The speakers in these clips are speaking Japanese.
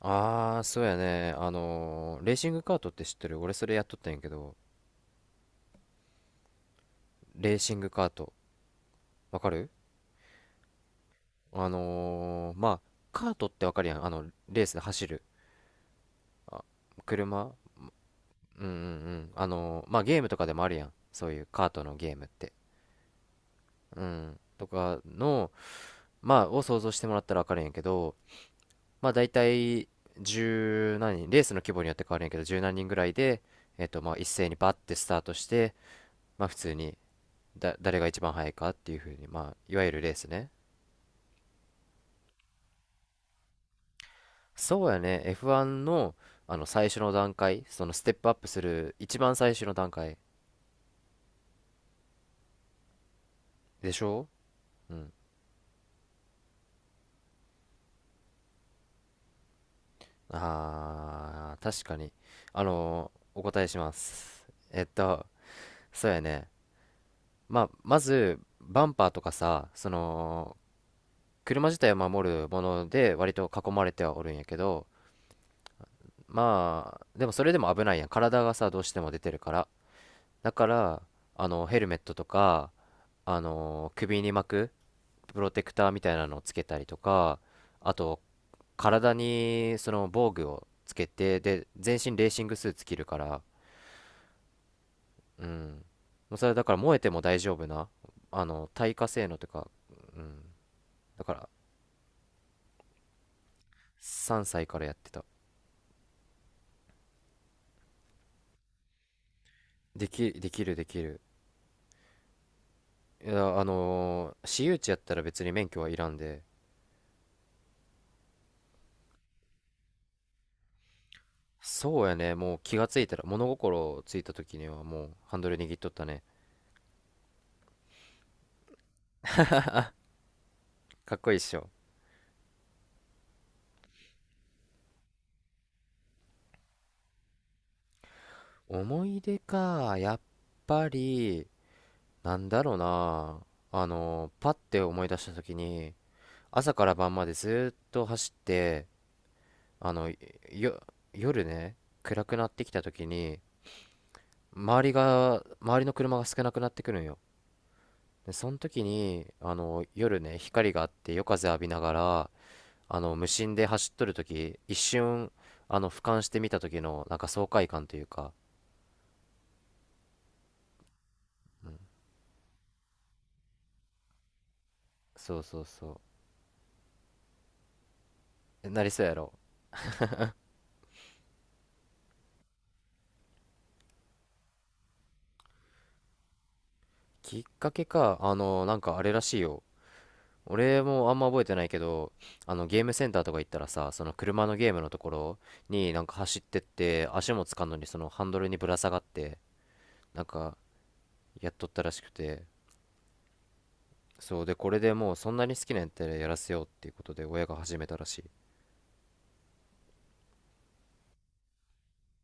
ああ、そうやね。レーシングカートって知ってる？俺それやっとったんやけど、レーシングカート、わかる？あのーまあ、カートってわかるやん。レースで走る車。うんうんうん。まあ、ゲームとかでもあるやん。そういうカートのゲームって。うん。とかの、まあ、を想像してもらったらわかるんやけど、まあ、大体、十何人、レースの規模によって変わるんやけど、十何人ぐらいで、まあ、一斉にバッてスタートして、まあ、普通に誰が一番速いかっていうふうに、まあ、いわゆるレースね。そうやね、F1 の、あの、最初の段階、そのステップアップする一番最初の段階でしょ。うん。あー、確かに。お答えします。そうやね。まあ、まず、バンパーとかさ、その、車自体を守るもので割と囲まれてはおるんやけど、まあ、でもそれでも危ないやん。体がさ、どうしても出てるから。だから、あの、ヘルメットとか、首に巻くプロテクターみたいなのをつけたりとか、あと体にその防具をつけて、で全身レーシングスーツ着るから。うん、もうそれだから燃えても大丈夫な、あの耐火性能とか。うん。だから3歳からやってた。できるできる。いや、私有地やったら別に免許はいらんで。そうやね、もう気がついたら、物心ついた時にはもうハンドル握っとったね。かっこいいっしょ？思い出か、やっぱり、なんだろうな。あの、パッて思い出した時に、朝から晩までずっと走って、あの、よ、夜ね、暗くなってきた時に、周りの車が少なくなってくるんよ。で、その時に、あの、夜ね、光があって夜風浴びながら、あの、無心で走っとる時、一瞬、あの、俯瞰してみた時の、なんか爽快感というか、そうそうそう。えなりそうやろ。きっかけか、あの、なんかあれらしいよ。俺もあんま覚えてないけど、あの、ゲームセンターとか行ったらさ、その車のゲームのところになんか走ってって、足もつかんのにそのハンドルにぶら下がって、なんかやっとったらしくて、そう。で、これでもうそんなに好きなんやったらやらせようっていうことで親が始めたらしい。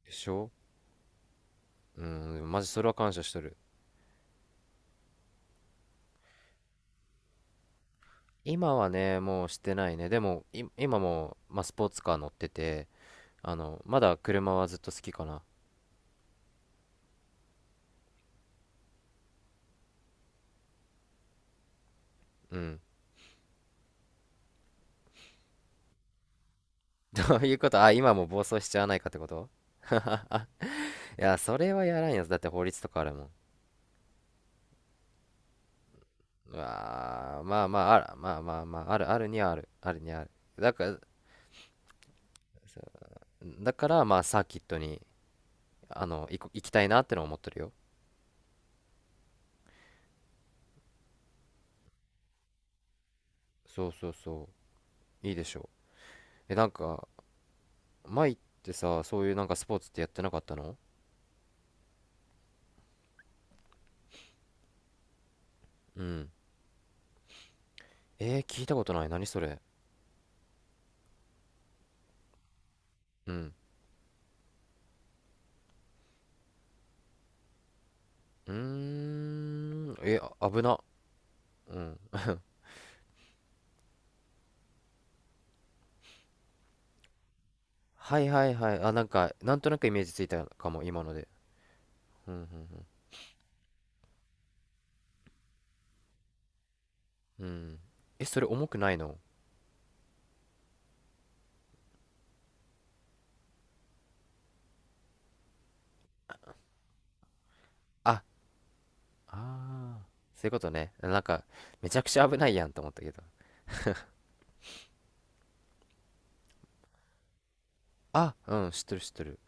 でしょ。うん、でもマジそれは感謝しとる。今はね、もうしてないね。でも、い今も、まあ、スポーツカー乗ってて、あの、まだ車はずっと好きかな。うん。そういうこと、あ、今も暴走しちゃわないかってこと？ いや、それはやらんやつ。だって法律とかあるもん。うわー、まあまあ、あら、まあまあまあ、ある、あるにはある、あるにはある。だから、そう。だから、まあ、サーキットに、あの、行きたいなってのは思ってるよ。そうそうそう。いいでしょ。う。え、なんか、前ってさ、そういうなんかスポーツってやってなかったの？うん。えー、聞いたことない。何それ。うん。うーん。え、あ危な。うん。はいはいはい。あ、なんか、なんとなくイメージついたかも、今ので。うんうんうん。うん、えそれ重くないの？ああ、あーそういうことね、なんかめちゃくちゃ危ないやんと思ったけど。あ、うん、知ってる知ってる。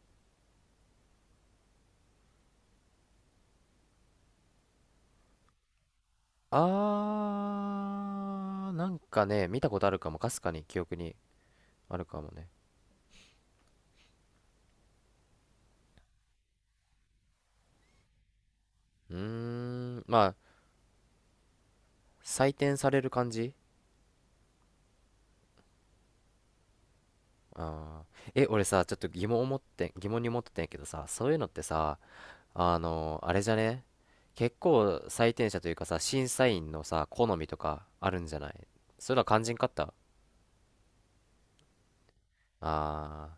あー、なんかね、見たことあるかも、かすかに記憶にあるかもね。うーん、まあ採点される感じ？あー、え俺さ、ちょっと疑問を持って疑問に思ってたんやけどさ、そういうのってさ、あの、あれじゃね？結構採点者というかさ、審査員のさ、好みとかあるんじゃない？それは肝心かった。あ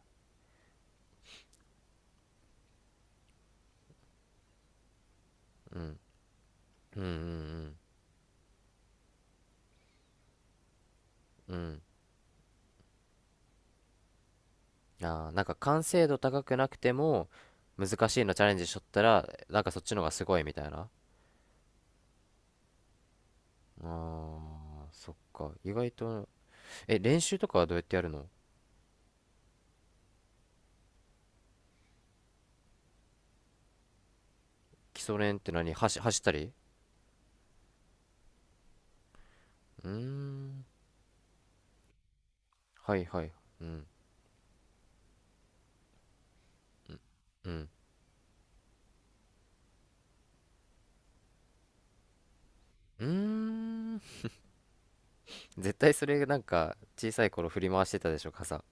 あー、うんうんうん。うん。ああ、なんか完成度高くなくても、難しいのチャレンジしとったら、なんかそっちの方がすごいみたいな。ああ、そっか。意外と、え、練習とかはどうやってやるの？基礎練って何？走ったり？うーん。はいはい。うん。うん。うーん。絶対それなんか小さい頃振り回してたでしょ、傘。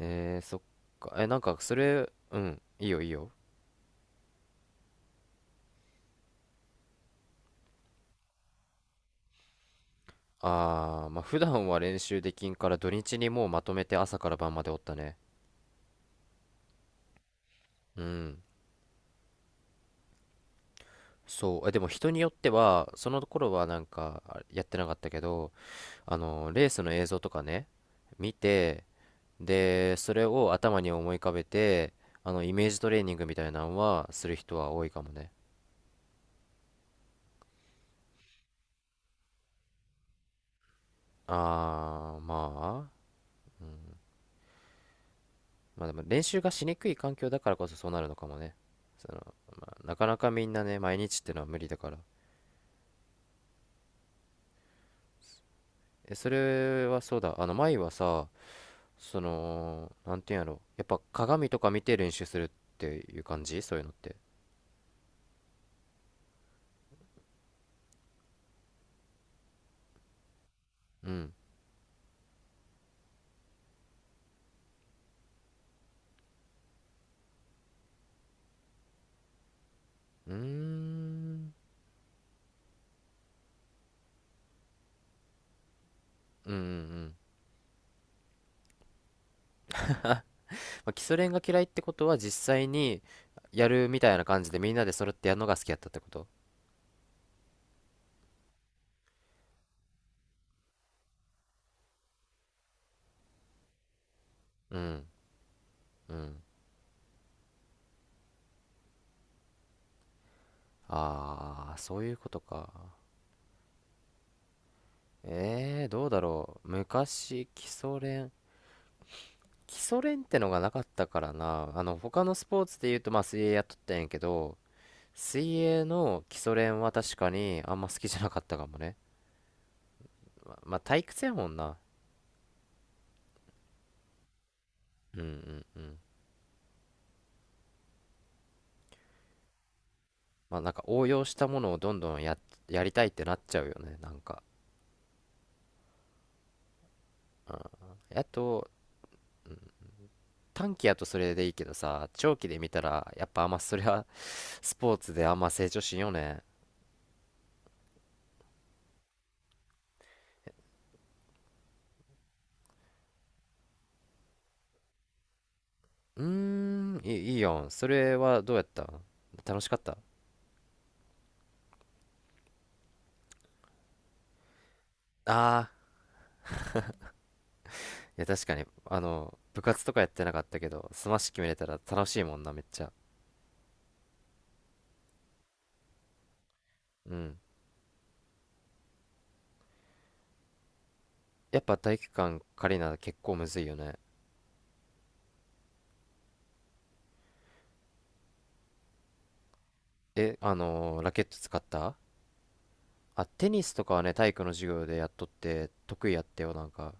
えー、そっか。え、なんかそれ、うん、いいよいいよ。あー、まあ普段は練習できんから、土日にもうまとめて朝から晩までおったね。うん。そう、えでも人によってはその頃はなんか、あやってなかったけど、あのレースの映像とかね、見て、でそれを頭に思い浮かべて、あのイメージトレーニングみたいなのはする人は多いかもね。あー、まあ、まあでも練習がしにくい環境だからこそそうなるのかもね。その、なかなかみんなね、毎日ってのは無理だから。え、それはそうだ。あの、前はさ、その、なんていうんやろ。やっぱ鏡とか見て練習するっていう感じ、そういうのって。うん。うーん。うんうんうん。まあ、基礎練が嫌いってことは実際にやるみたいな感じで、みんなで揃ってやるのが好きやったってこと？うん。うん。ああ、そういうことか。ええー、どうだろう。昔、基礎練。基礎練ってのがなかったからな。あの、他のスポーツで言うと、まあ、水泳やっとったんやけど、水泳の基礎練は確かにあんま好きじゃなかったかもね。まあ、退屈やもんな。うんうんうん。まあ、なんか応用したものをどんどんや、やりたいってなっちゃうよね、なんか。うん。あと、短期やとそれでいいけどさ、長期で見たら、やっぱあんまそれは スポーツであんま成長しんよね。うーん、いい、いいやん。それはどうやったん？楽しかった？ああ。いや、確かに、あの、部活とかやってなかったけど、スマッシュ決めれたら楽しいもんな、めっちゃ。うん。やっぱ体育館借りな結構むずいよね。え、ラケット使った？あ、テニスとかはね、体育の授業でやっとって、得意やったよ、なんか。